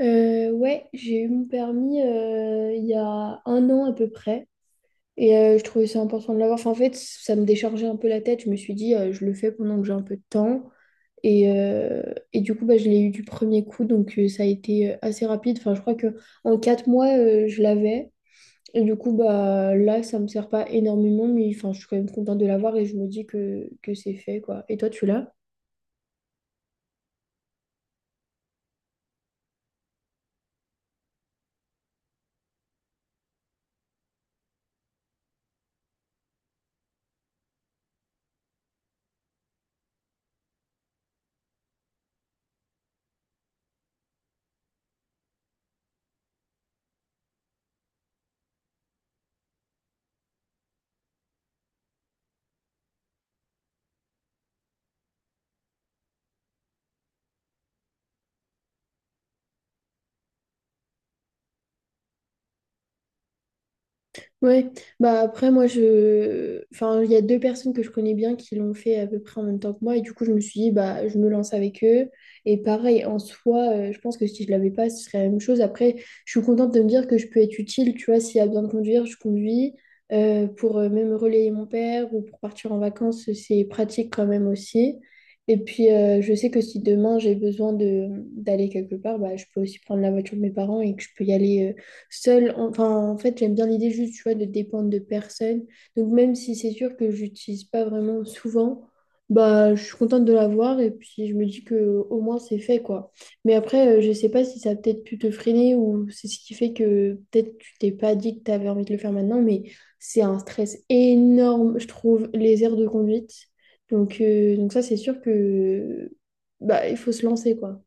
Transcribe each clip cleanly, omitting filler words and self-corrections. Ouais, j'ai eu mon permis il y a un an à peu près. Et je trouvais ça important de l'avoir. Enfin, en fait, ça me déchargeait un peu la tête. Je me suis dit, je le fais pendant que j'ai un peu de temps. Et, euh, et du coup, bah, je l'ai eu du premier coup. Donc, ça a été assez rapide. Enfin, je crois que en 4 mois, je l'avais. Et du coup, bah, là, ça me sert pas énormément. Mais enfin, je suis quand même contente de l'avoir et je me dis que c'est fait, quoi. Et toi, tu l'as? Ouais, bah après moi je enfin il y a deux personnes que je connais bien qui l'ont fait à peu près en même temps que moi et du coup je me suis dit bah je me lance avec eux et pareil en soi je pense que si je l'avais pas ce serait la même chose après je suis contente de me dire que je peux être utile tu vois s'il y a besoin de conduire je conduis. Pour même relayer mon père ou pour partir en vacances c'est pratique quand même aussi et puis je sais que si demain j'ai besoin de d'aller quelque part bah je peux aussi prendre la voiture de mes parents et que je peux y aller seule. Enfin, en fait, j'aime bien l'idée juste, tu vois, de dépendre de personne. Donc, même si c'est sûr que j'utilise pas vraiment souvent, bah, je suis contente de l'avoir et puis je me dis que au moins c'est fait, quoi. Mais après, je sais pas si ça a peut-être pu te freiner ou c'est ce qui fait que peut-être tu t'es pas dit que tu avais envie de le faire maintenant, mais c'est un stress énorme, je trouve, les aires de conduite. Donc ça, c'est sûr que bah, il faut se lancer, quoi.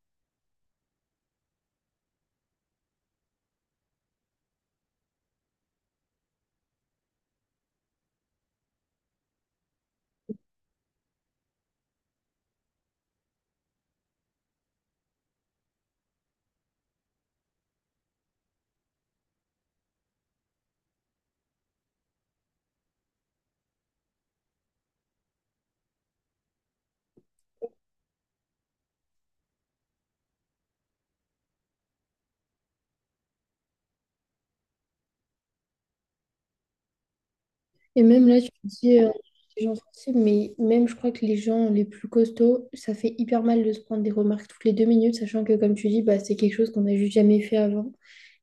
Et même là, tu te dis les gens sensibles, mais même je crois que les gens les plus costauds, ça fait hyper mal de se prendre des remarques toutes les 2 minutes, sachant que comme tu dis, bah, c'est quelque chose qu'on n'a juste jamais fait avant.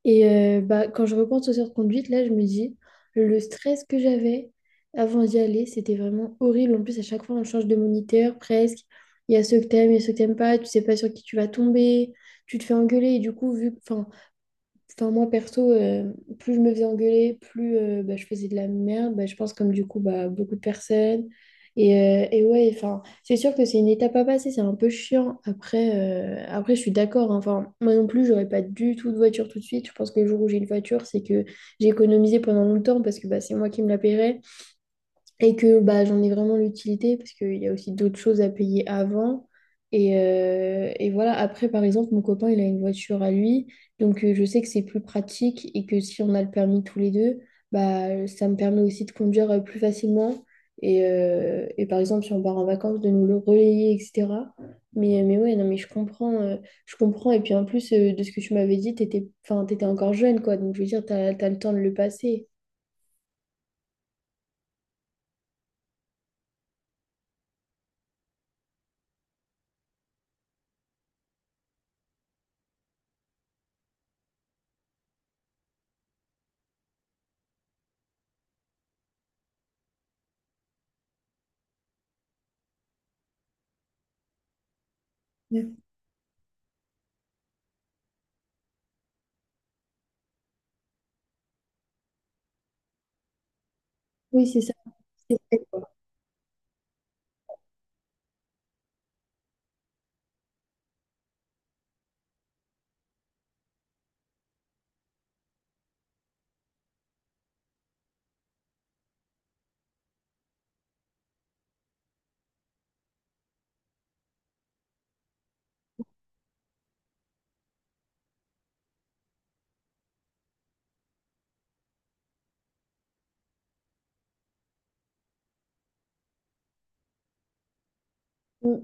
Et bah, quand je repense aux heures de conduite, là, je me dis, le stress que j'avais avant d'y aller, c'était vraiment horrible. En plus, à chaque fois, on change de moniteur presque. Il y a ceux que t'aimes, il y a ceux que t'aimes pas. Tu sais pas sur qui tu vas tomber. Tu te fais engueuler. Et du coup, vu, enfin. Enfin, moi, perso, plus je me faisais engueuler, plus bah, je faisais de la merde. Bah, je pense comme du coup, bah, beaucoup de personnes. Et ouais, enfin, c'est sûr que c'est une étape à passer, c'est un peu chiant. Après je suis d'accord, hein. Enfin, moi non plus, j'aurais pas du tout de voiture tout de suite. Je pense que le jour où j'ai une voiture, c'est que j'ai économisé pendant longtemps parce que bah, c'est moi qui me la paierais et que bah, j'en ai vraiment l'utilité parce qu'il y a aussi d'autres choses à payer avant. Et voilà, après, par exemple, mon copain, il a une voiture à lui, donc je sais que c'est plus pratique et que si on a le permis tous les deux, bah, ça me permet aussi de conduire plus facilement. Et par exemple, si on part en vacances, de nous le relayer, etc. Mais ouais, non, mais je comprends, je comprends. Et puis en plus, de ce que tu m'avais dit, t'étais, enfin, t'étais encore jeune, quoi. Donc je veux dire, t'as le temps de le passer. Ouais. Oui, c'est ça. C'est vrai, quoi. Mm.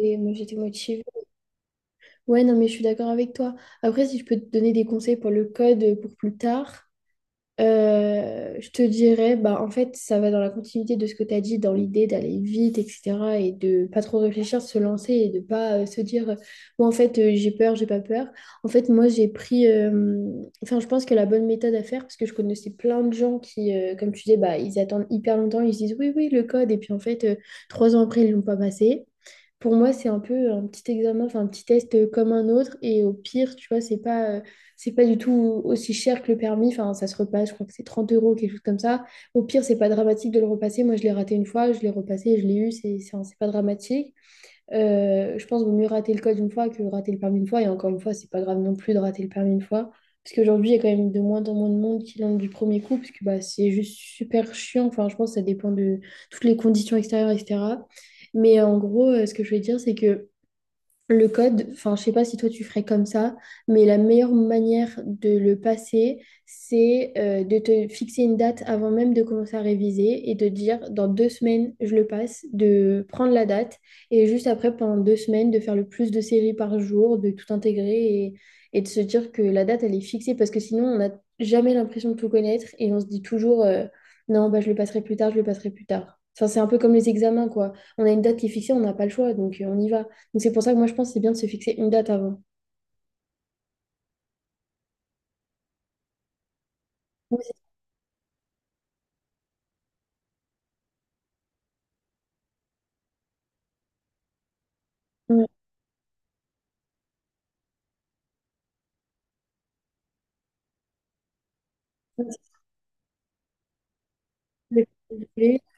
Et moi, j'étais motivée. Ouais, non, mais je suis d'accord avec toi. Après, si je peux te donner des conseils pour le code pour plus tard, je te dirais, bah, en fait, ça va dans la continuité de ce que tu as dit, dans l'idée d'aller vite, etc. et de pas trop réfléchir, se lancer et de pas se dire, moi, en fait, j'ai peur, j'ai pas peur. En fait, moi, j'ai pris, enfin, je pense que la bonne méthode à faire, parce que je connaissais plein de gens qui, comme tu dis, bah, ils attendent hyper longtemps, ils se disent, oui, oui, le code, et puis en fait, 3 ans après, ils l'ont pas passé. Pour moi, c'est un peu un petit examen, enfin un petit test comme un autre. Et au pire, tu vois, c'est pas du tout aussi cher que le permis. Enfin, ça se repasse, je crois que c'est 30 euros, quelque chose comme ça. Au pire, c'est pas dramatique de le repasser. Moi, je l'ai raté une fois, je l'ai repassé, je l'ai eu, c'est pas dramatique. Je pense qu'il vaut mieux rater le code une fois que rater le permis une fois. Et encore une fois, c'est pas grave non plus de rater le permis une fois. Parce qu'aujourd'hui, il y a quand même de moins en moins de monde qui l'ont du premier coup, parce que bah, c'est juste super chiant. Enfin, je pense que ça dépend de toutes les conditions extérieures, etc. Mais en gros, ce que je veux dire, c'est que le code, enfin, je sais pas si toi tu ferais comme ça, mais la meilleure manière de le passer, c'est de te fixer une date avant même de commencer à réviser et de dire dans 2 semaines, je le passe, de prendre la date et juste après, pendant 2 semaines, de faire le plus de séries par jour, de tout intégrer et de se dire que la date, elle est fixée parce que sinon, on n'a jamais l'impression de tout connaître et on se dit toujours, non, bah, je le passerai plus tard, je le passerai plus tard. Enfin, c'est un peu comme les examens, quoi. On a une date qui est fixée, on n'a pas le choix, donc on y va. Donc c'est pour ça que moi je pense que c'est bien de se fixer une date avant. Oui, c'est ouais, c'est ça.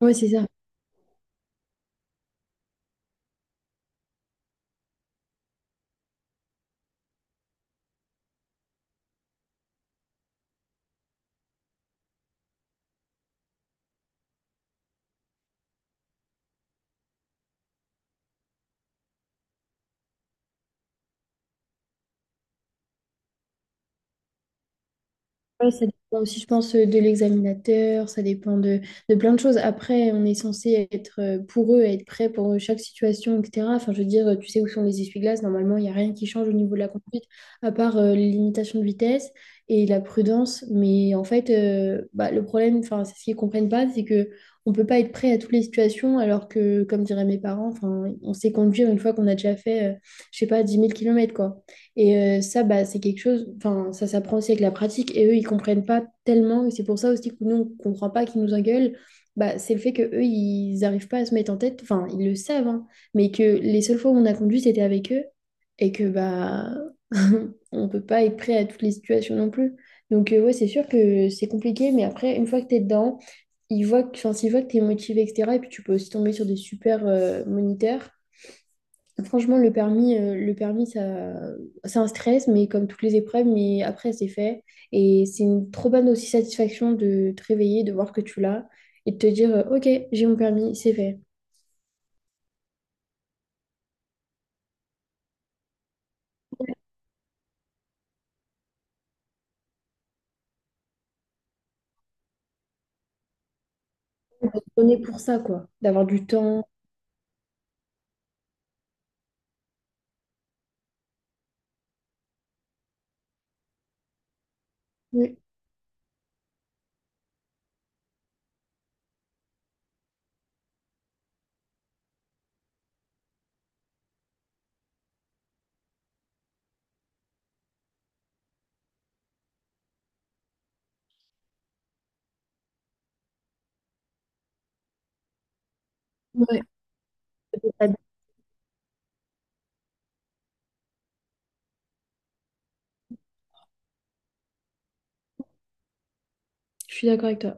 Ouais, c'est ça. Ouais, ça dépend aussi, je pense, de l'examinateur, ça dépend de plein de choses. Après, on est censé être pour eux, être prêt pour chaque situation, etc. Enfin, je veux dire, tu sais où sont les essuie-glaces, normalement, il n'y a rien qui change au niveau de la conduite, à part les limitations de vitesse et la prudence. Mais en fait, bah, le problème, enfin, c'est ce qu'ils ne comprennent pas, c'est que on peut pas être prêt à toutes les situations, alors que, comme diraient mes parents, enfin, on sait conduire une fois qu'on a déjà fait, je sais pas, 10 000 km, et ça, bah, c'est quelque chose, enfin, ça s'apprend aussi avec la pratique. Et eux, ils comprennent pas tellement. Et c'est pour ça aussi que nous, on comprend pas qu'ils nous engueulent. Bah, c'est le fait que eux, ils n'arrivent pas à se mettre en tête. Enfin, ils le savent, hein, mais que les seules fois où on a conduit, c'était avec eux. Et que, bah, on peut pas être prêt à toutes les situations non plus. Donc, ouais, c'est sûr que c'est compliqué. Mais après, une fois que tu es dedans, ils voient que, enfin, s'ils voient que tu es motivé, etc. Et puis, tu peux aussi tomber sur des super moniteurs. Franchement, le permis ça, c'est un stress, mais comme toutes les épreuves, mais après, c'est fait. Et c'est une trop bonne aussi satisfaction de te réveiller, de voir que tu l'as et de te dire, OK, j'ai mon permis, c'est fait. On est pour ça, quoi, d'avoir du temps. Ouais, ouais. Je suis d'accord avec toi.